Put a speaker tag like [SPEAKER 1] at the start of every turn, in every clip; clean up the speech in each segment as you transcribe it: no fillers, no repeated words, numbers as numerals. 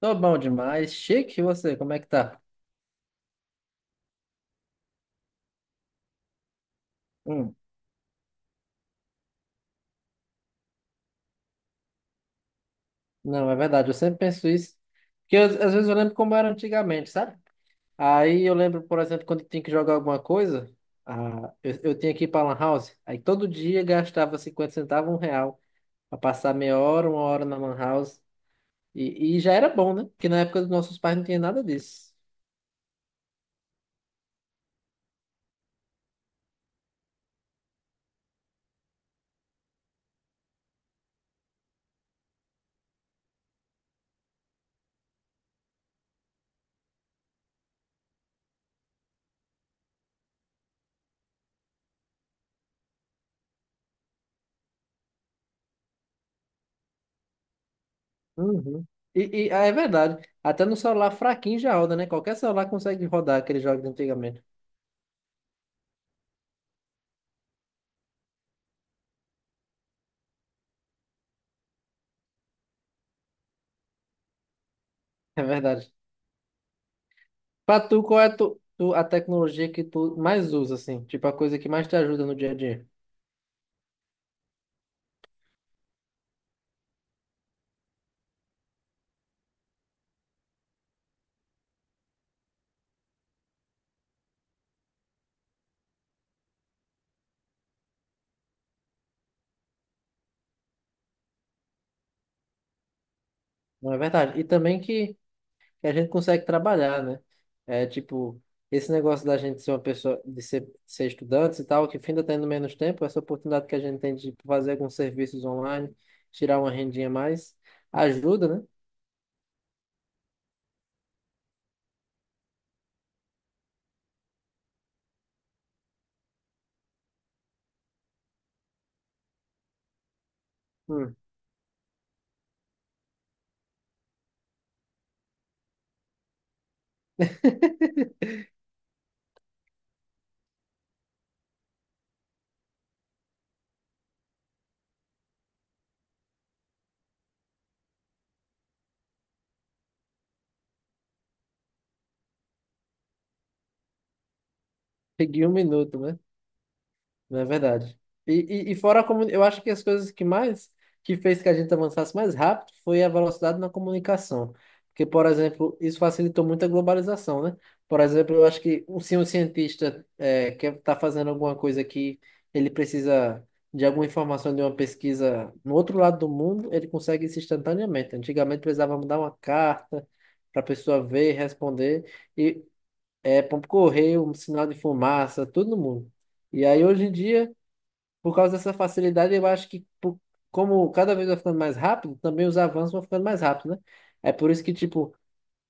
[SPEAKER 1] Tô bom demais. Chique, e você, como é que tá? Hum, não, é verdade, eu sempre penso isso. Às vezes eu lembro como era antigamente, sabe? Aí eu lembro, por exemplo, quando tinha que jogar alguma coisa, eu tinha que ir pra Lan House, aí todo dia gastava 50 centavos, 1 real, pra passar meia hora, 1 hora na Lan House. E já era bom, né? Porque na época dos nossos pais não tinha nada disso. Uhum. É verdade, até no celular fraquinho já roda, né? Qualquer celular consegue rodar aquele jogo de antigamente. É verdade. Pra tu, a tecnologia que tu mais usa, assim? Tipo, a coisa que mais te ajuda no dia a dia. Não é verdade? E também que a gente consegue trabalhar, né? É tipo, esse negócio da gente ser uma pessoa, de ser estudantes e tal, que ainda tendo menos tempo, essa oportunidade que a gente tem de fazer alguns serviços online, tirar uma rendinha a mais, ajuda, né? Hum. Peguei um minuto, né? Não é verdade. E, eu acho que as coisas que fez que a gente avançasse mais rápido foi a velocidade na comunicação. Porque, por exemplo, isso facilitou muito a globalização, né? Por exemplo, eu acho que se um cientista é, quer estar fazendo alguma coisa que ele precisa de alguma informação de uma pesquisa no outro lado do mundo, ele consegue isso instantaneamente. Antigamente precisava mandar uma carta para a pessoa ver, responder, e por correio, um sinal de fumaça, tudo no mundo. E aí, hoje em dia por causa dessa facilidade, eu acho que por- como cada vez vai ficando mais rápido, também os avanços vão ficando mais rápidos, né? É por isso que, tipo,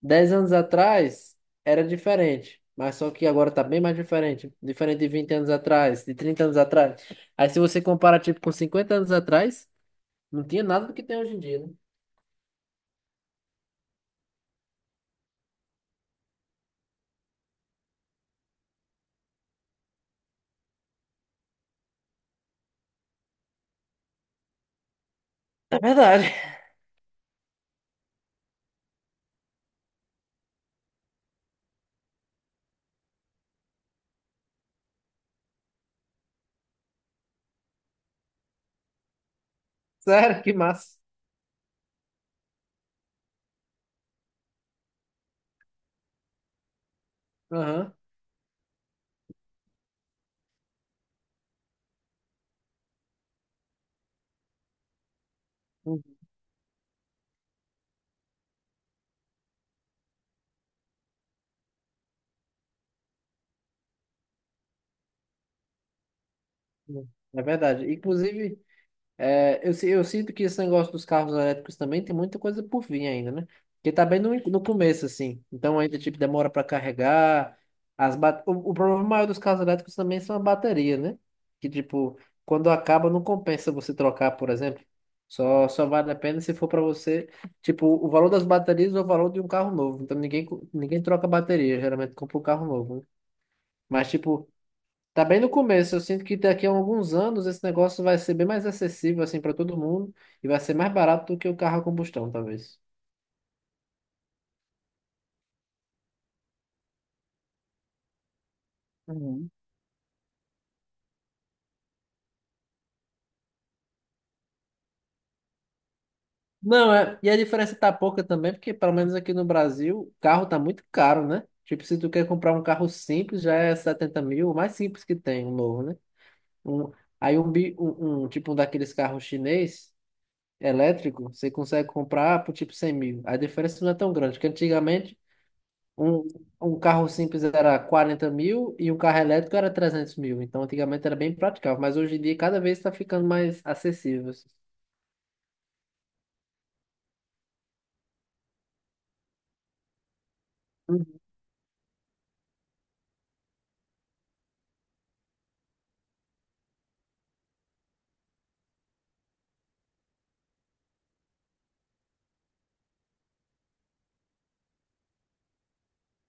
[SPEAKER 1] 10 anos atrás era diferente, mas só que agora tá bem mais diferente. Diferente de 20 anos atrás, de 30 anos atrás. Aí se você compara, tipo, com 50 anos atrás, não tinha nada do que tem hoje em dia, né? É verdade. Sério, que massa. Aham. Uhum. É verdade. Inclusive. Eu sinto que esse negócio dos carros elétricos também tem muita coisa por vir ainda, né? Porque tá bem no, in- No começo, assim. Então ainda, tipo, demora para carregar. O problema maior dos carros elétricos também são a bateria, né? Que, tipo, quando acaba, não compensa você trocar, por exemplo. Só vale a pena se for para você, tipo, o valor das baterias ou o valor de um carro novo. Então ninguém troca bateria, geralmente compra um carro novo, né? Mas, tipo, tá bem no começo. Eu sinto que daqui a alguns anos esse negócio vai ser bem mais acessível assim para todo mundo e vai ser mais barato do que o carro a combustão, talvez. Uhum. Não, é. E a diferença tá pouca também, porque pelo menos aqui no Brasil, o carro tá muito caro, né? Tipo, se tu quer comprar um carro simples, já é 70 mil, o mais simples que tem, um novo, né? Um, aí um, bi- um tipo um daqueles carros chinês elétrico, você consegue comprar por tipo 100 mil. A diferença não é tão grande, porque antigamente Um, um carro simples era 40 mil e um carro elétrico era 300 mil. Então, antigamente era bem praticável, mas hoje em dia cada vez está ficando mais acessível. Assim. Uhum.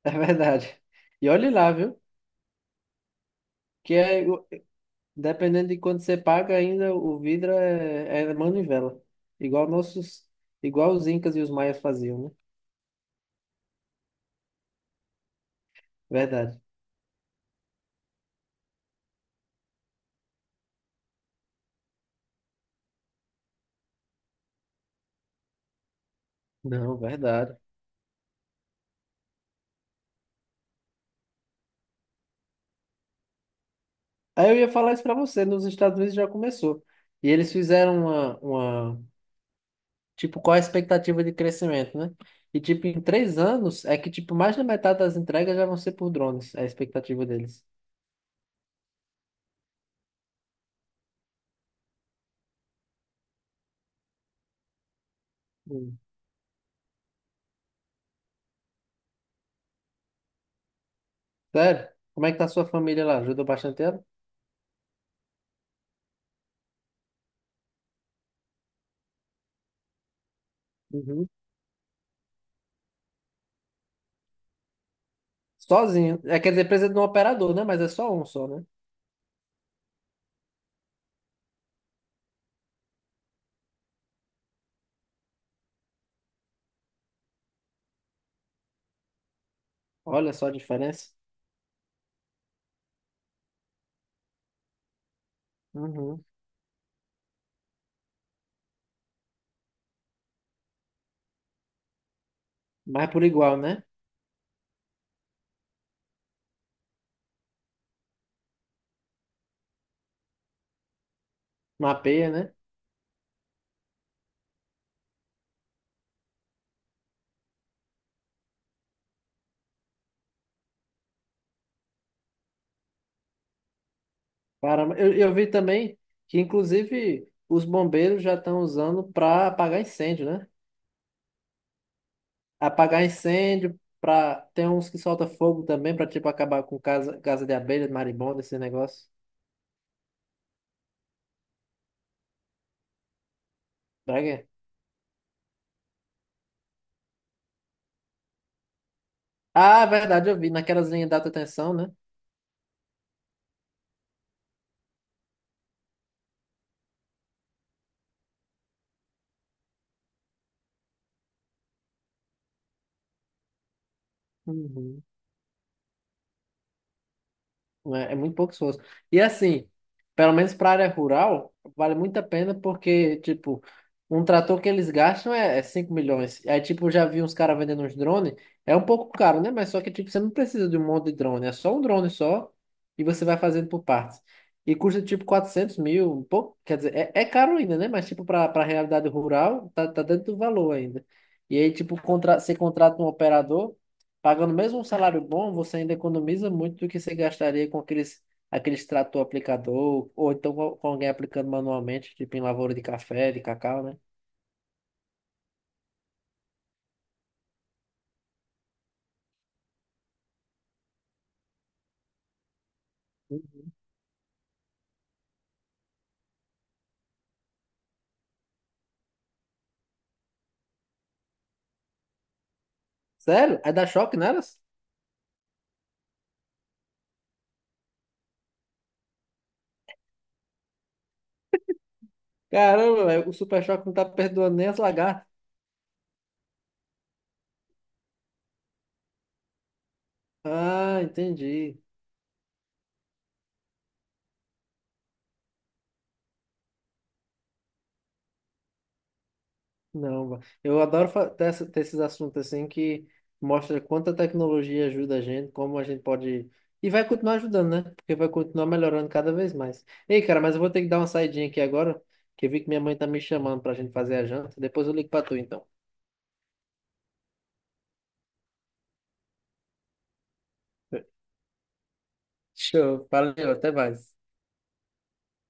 [SPEAKER 1] É verdade. E olhe lá, viu? Que é, o- Dependendo de quanto você paga, ainda o vidro é manivela. Igual nossos, Igual os incas e os maias faziam, né? Verdade. Não, verdade. Aí eu ia falar isso para você, nos Estados Unidos já começou. E eles fizeram uma tipo, qual a expectativa de crescimento, né? E, tipo, em 3 anos, é que, tipo, mais da metade das entregas já vão ser por drones, é a expectativa deles. Hum. Sério? Como é que tá a sua família lá? Ajudou bastante ela? Uhum. Sozinho. É, quer dizer, precisa de um operador, né? Mas é só um só, né? Olha só a diferença. Uhum. Mas é por igual, né? Mapeia, né? Para... eu vi também que, inclusive, os bombeiros já estão usando para apagar incêndio, né? Apagar incêndio, pra... tem uns que soltam fogo também pra tipo acabar com casa, casa de abelha, marimbondo, esse negócio. Pra quê? Ah, é verdade, eu vi. Naquelas linhas de alta tensão, né? Uhum. Né? É muito pouco pessoas. E assim, pelo menos para área rural, vale muito a pena porque, tipo, um trator que eles gastam é 5 milhões. Aí, tipo, eu já vi uns caras vendendo uns drones. É um pouco caro, né? Mas só que, tipo, você não precisa de um monte de drone. É só um drone só e você vai fazendo por partes. E custa, tipo, 400 mil, um pouco. Quer dizer, é caro ainda, né? Mas, tipo, para a realidade rural, tá dentro do valor ainda. E aí, tipo, contra, você contrata um operador pagando mesmo um salário bom, você ainda economiza muito do que você gastaria com aqueles, aqueles trator aplicador, ou então com alguém aplicando manualmente, tipo em lavoura de café, de cacau, né? Sério? Aí dá choque nelas? Caramba, velho, o super choque não tá perdoando nem as lagartas. Ah, entendi. Não, va- eu adoro fa- ter, essa- Ter esses assuntos assim que mostra quanta tecnologia ajuda a gente, como a gente pode. E vai continuar ajudando, né? Porque vai continuar melhorando cada vez mais. Ei, cara, mas eu vou ter que dar uma saidinha aqui agora, que eu vi que minha mãe tá me chamando pra gente fazer a janta. Depois eu ligo pra tu, então. Show, valeu, até mais.